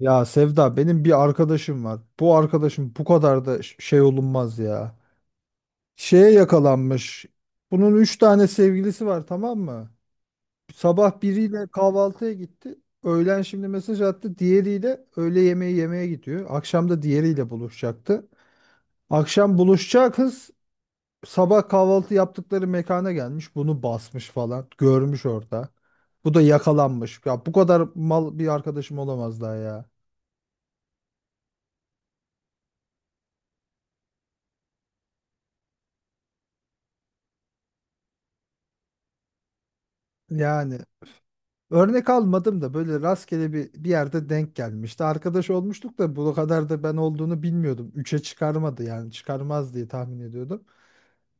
Ya Sevda benim bir arkadaşım var. Bu arkadaşım bu kadar da şey olunmaz ya. Şeye yakalanmış. Bunun üç tane sevgilisi var, tamam mı? Sabah biriyle kahvaltıya gitti. Öğlen şimdi mesaj attı. Diğeriyle öğle yemeği yemeye gidiyor. Akşam da diğeriyle buluşacaktı. Akşam buluşacağı kız sabah kahvaltı yaptıkları mekana gelmiş. Bunu basmış falan. Görmüş orada. Bu da yakalanmış. Ya bu kadar mal bir arkadaşım olamaz daha ya. Yani örnek almadım da böyle rastgele bir yerde denk gelmişti. Arkadaş olmuştuk da bu kadar da ben olduğunu bilmiyordum. Üçe çıkarmadı, yani çıkarmaz diye tahmin ediyordum.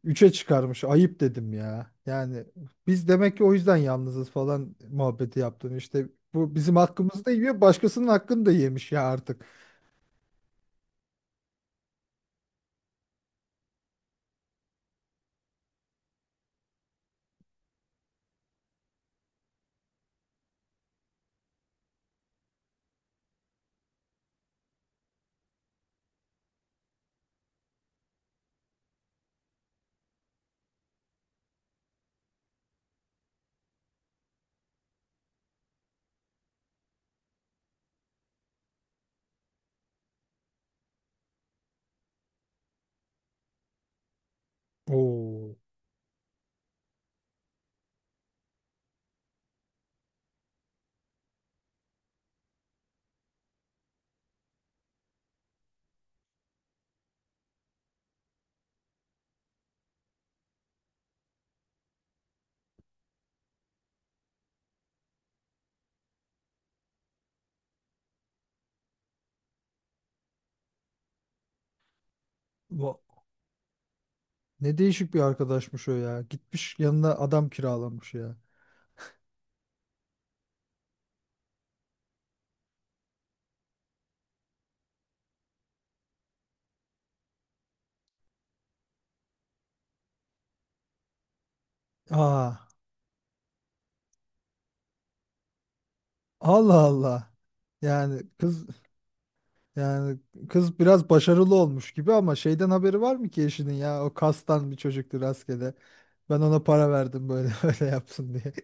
Üçe çıkarmış, ayıp dedim ya. Yani biz demek ki o yüzden yalnızız falan muhabbeti yaptım. İşte bu bizim hakkımızı da yiyor, başkasının hakkını da yemiş ya artık. Oo. va- Ne değişik bir arkadaşmış o ya. Gitmiş yanına adam kiralamış ya. Aa. Allah Allah. Yani kız Yani kız biraz başarılı olmuş gibi ama şeyden haberi var mı ki eşinin ya? O kastan bir çocuktu rastgele. Ben ona para verdim böyle öyle yapsın diye.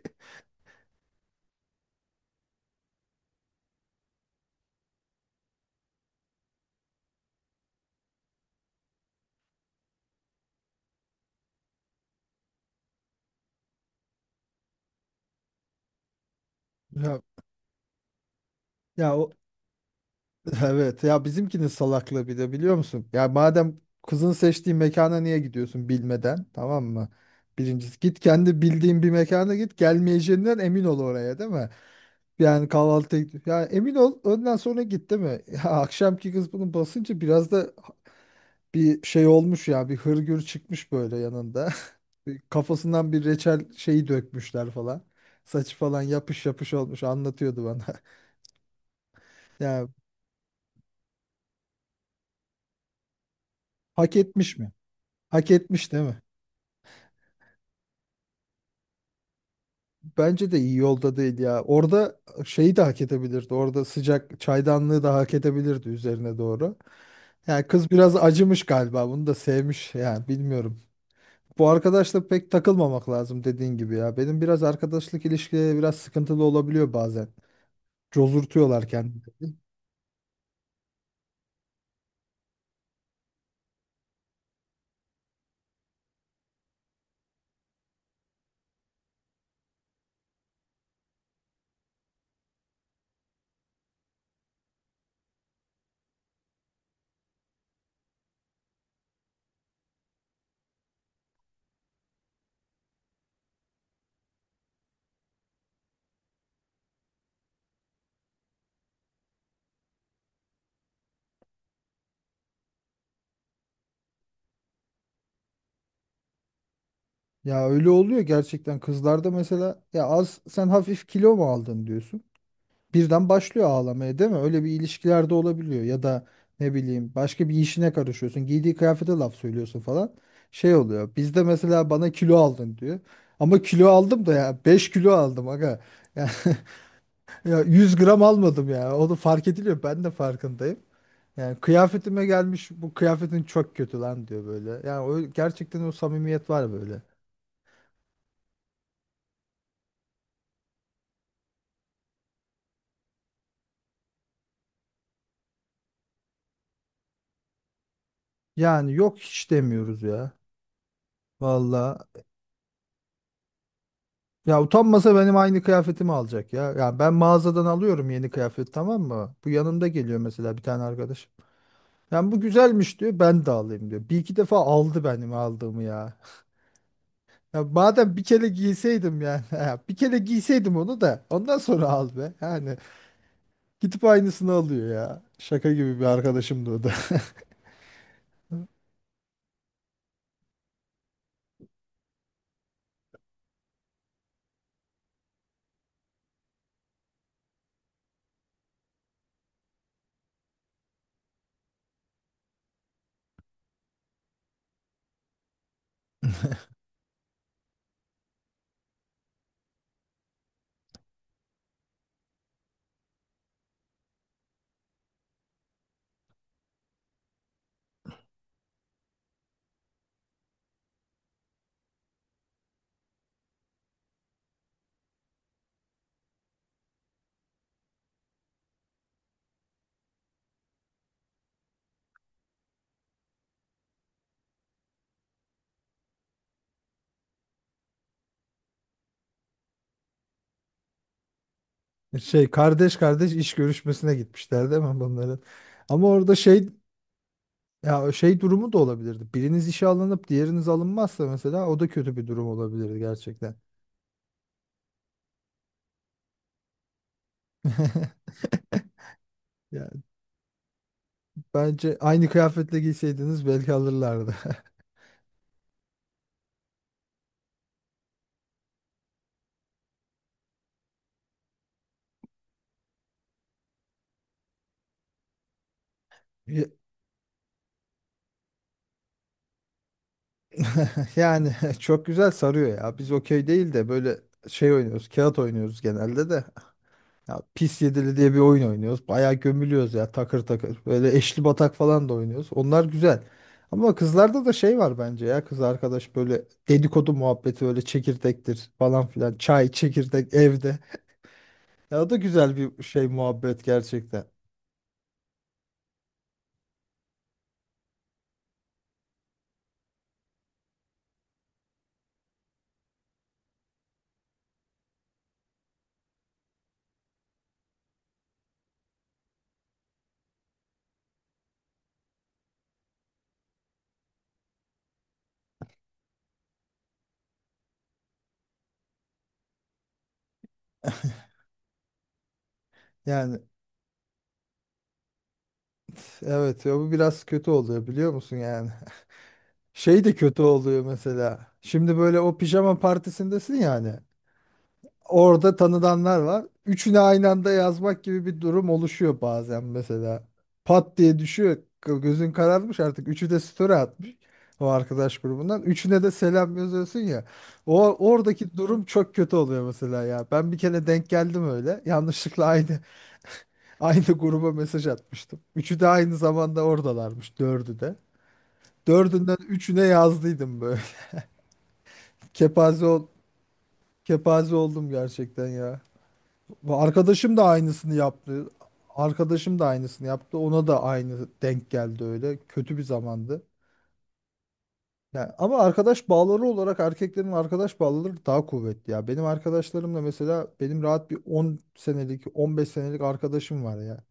Ya, ya o evet ya, bizimkinin salaklığı bir de biliyor musun? Ya madem kızın seçtiği mekana niye gidiyorsun bilmeden, tamam mı? Birincisi git kendi bildiğin bir mekana, git gelmeyeceğinden emin ol oraya, değil mi? Yani kahvaltı, ya emin ol önden sonra git, değil mi? Ya akşamki kız bunu basınca biraz da bir şey olmuş ya, bir hırgür çıkmış böyle yanında. Kafasından bir reçel şeyi dökmüşler falan. Saçı falan yapış yapış olmuş, anlatıyordu bana. Ya hak etmiş mi? Hak etmiş değil mi? Bence de iyi yolda değil ya. Orada şeyi de hak edebilirdi. Orada sıcak çaydanlığı da hak edebilirdi üzerine doğru. Yani kız biraz acımış galiba. Bunu da sevmiş, yani bilmiyorum. Bu arkadaşla pek takılmamak lazım, dediğin gibi ya. Benim biraz arkadaşlık ilişkileri biraz sıkıntılı olabiliyor bazen. Cozurtuyorlar kendilerini. Ya öyle oluyor gerçekten kızlarda, mesela ya az sen hafif kilo mu aldın diyorsun. Birden başlıyor ağlamaya, değil mi? Öyle bir ilişkilerde olabiliyor, ya da ne bileyim başka bir işine karışıyorsun. Giydiği kıyafete laf söylüyorsun falan. Şey oluyor. Bizde mesela bana kilo aldın diyor. Ama kilo aldım da ya, 5 kilo aldım aga. Ya, ya 100 gram almadım ya. Onu fark ediliyor. Ben de farkındayım. Yani kıyafetime gelmiş, bu kıyafetin çok kötü lan diyor böyle. Yani o gerçekten o samimiyet var böyle. Yani yok, hiç demiyoruz ya. Valla. Ya utanmasa benim aynı kıyafetimi alacak ya. Yani ben mağazadan alıyorum yeni kıyafet, tamam mı? Bu yanımda geliyor mesela bir tane arkadaş. Yani bu güzelmiş diyor, ben de alayım diyor. Bir iki defa aldı benim aldığımı ya. Ya madem bir kere giyseydim yani. Ya bir kere giyseydim onu da ondan sonra al be. Yani gidip aynısını alıyor ya. Şaka gibi bir arkadaşımdı o da. Şey kardeş kardeş iş görüşmesine gitmişler değil mi bunların? Ama orada şey, ya şey durumu da olabilirdi. Biriniz işe alınıp diğeriniz alınmazsa mesela, o da kötü bir durum olabilirdi gerçekten. Yani bence aynı kıyafetle giyseydiniz belki alırlardı. Ya- Yani, çok güzel sarıyor ya. Biz okey değil de böyle şey oynuyoruz, kağıt oynuyoruz genelde de. Ya pis yedili diye bir oyun oynuyoruz. Bayağı gömülüyoruz ya, takır takır. Böyle eşli batak falan da oynuyoruz. Onlar güzel. Ama kızlarda da şey var bence ya, kız arkadaş böyle dedikodu muhabbeti, öyle çekirdektir falan filan. Çay, çekirdek evde. Ya o da güzel bir şey, muhabbet gerçekten. Yani evet ya, bu biraz kötü oluyor biliyor musun yani. Şey de kötü oluyor mesela. Şimdi böyle o pijama partisindesin yani. Orada tanıdanlar var. Üçünü aynı anda yazmak gibi bir durum oluşuyor bazen mesela. Pat diye düşüyor. Gözün kararmış artık. Üçü de story atmış o arkadaş grubundan. Üçüne de selam yazıyorsun ya. O oradaki durum çok kötü oluyor mesela ya. Ben bir kere denk geldim öyle. Yanlışlıkla aynı aynı gruba mesaj atmıştım. Üçü de aynı zamanda oradalarmış. Dördü de. Dördünden üçüne yazdıydım böyle. Kepaze ol, kepaze oldum gerçekten ya. Bu arkadaşım da aynısını yaptı. Ona da aynı denk geldi öyle. Kötü bir zamandı. Yani ama arkadaş bağları olarak erkeklerin arkadaş bağları daha kuvvetli ya. Benim arkadaşlarımla mesela benim rahat bir 10 senelik, 15 senelik arkadaşım var ya.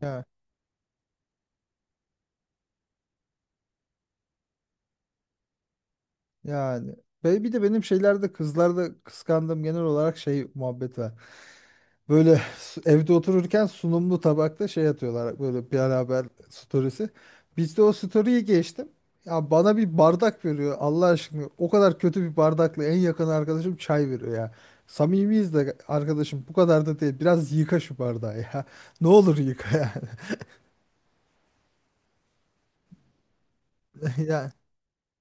Ya yani ve bir de benim şeylerde, kızlarda kıskandığım genel olarak şey muhabbet var. Böyle evde otururken sunumlu tabakta şey atıyorlar, böyle bir haber storiesi. Biz de o story'i geçtim. Ya bana bir bardak veriyor Allah aşkına. O kadar kötü bir bardakla en yakın arkadaşım çay veriyor ya. Samimiyiz de arkadaşım, bu kadar da değil. Biraz yıka şu bardağı ya. Ne olur yıka yani. Ya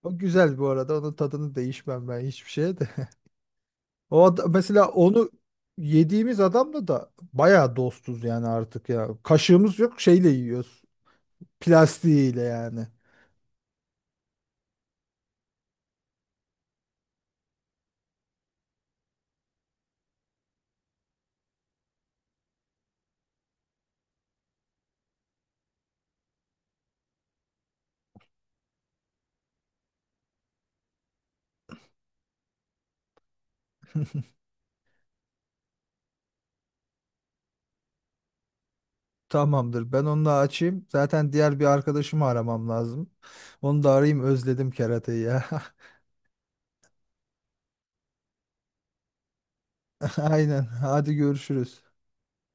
o güzel bu arada. Onun tadını değişmem ben hiçbir şeye de. Mesela onu yediğimiz adamla da bayağı dostuz yani artık ya. Kaşığımız yok, şeyle yiyoruz. Plastiğiyle yani. Tamamdır. Ben onu da açayım. Zaten diğer bir arkadaşımı aramam lazım. Onu da arayayım. Özledim kerateyi ya. Aynen. Hadi görüşürüz.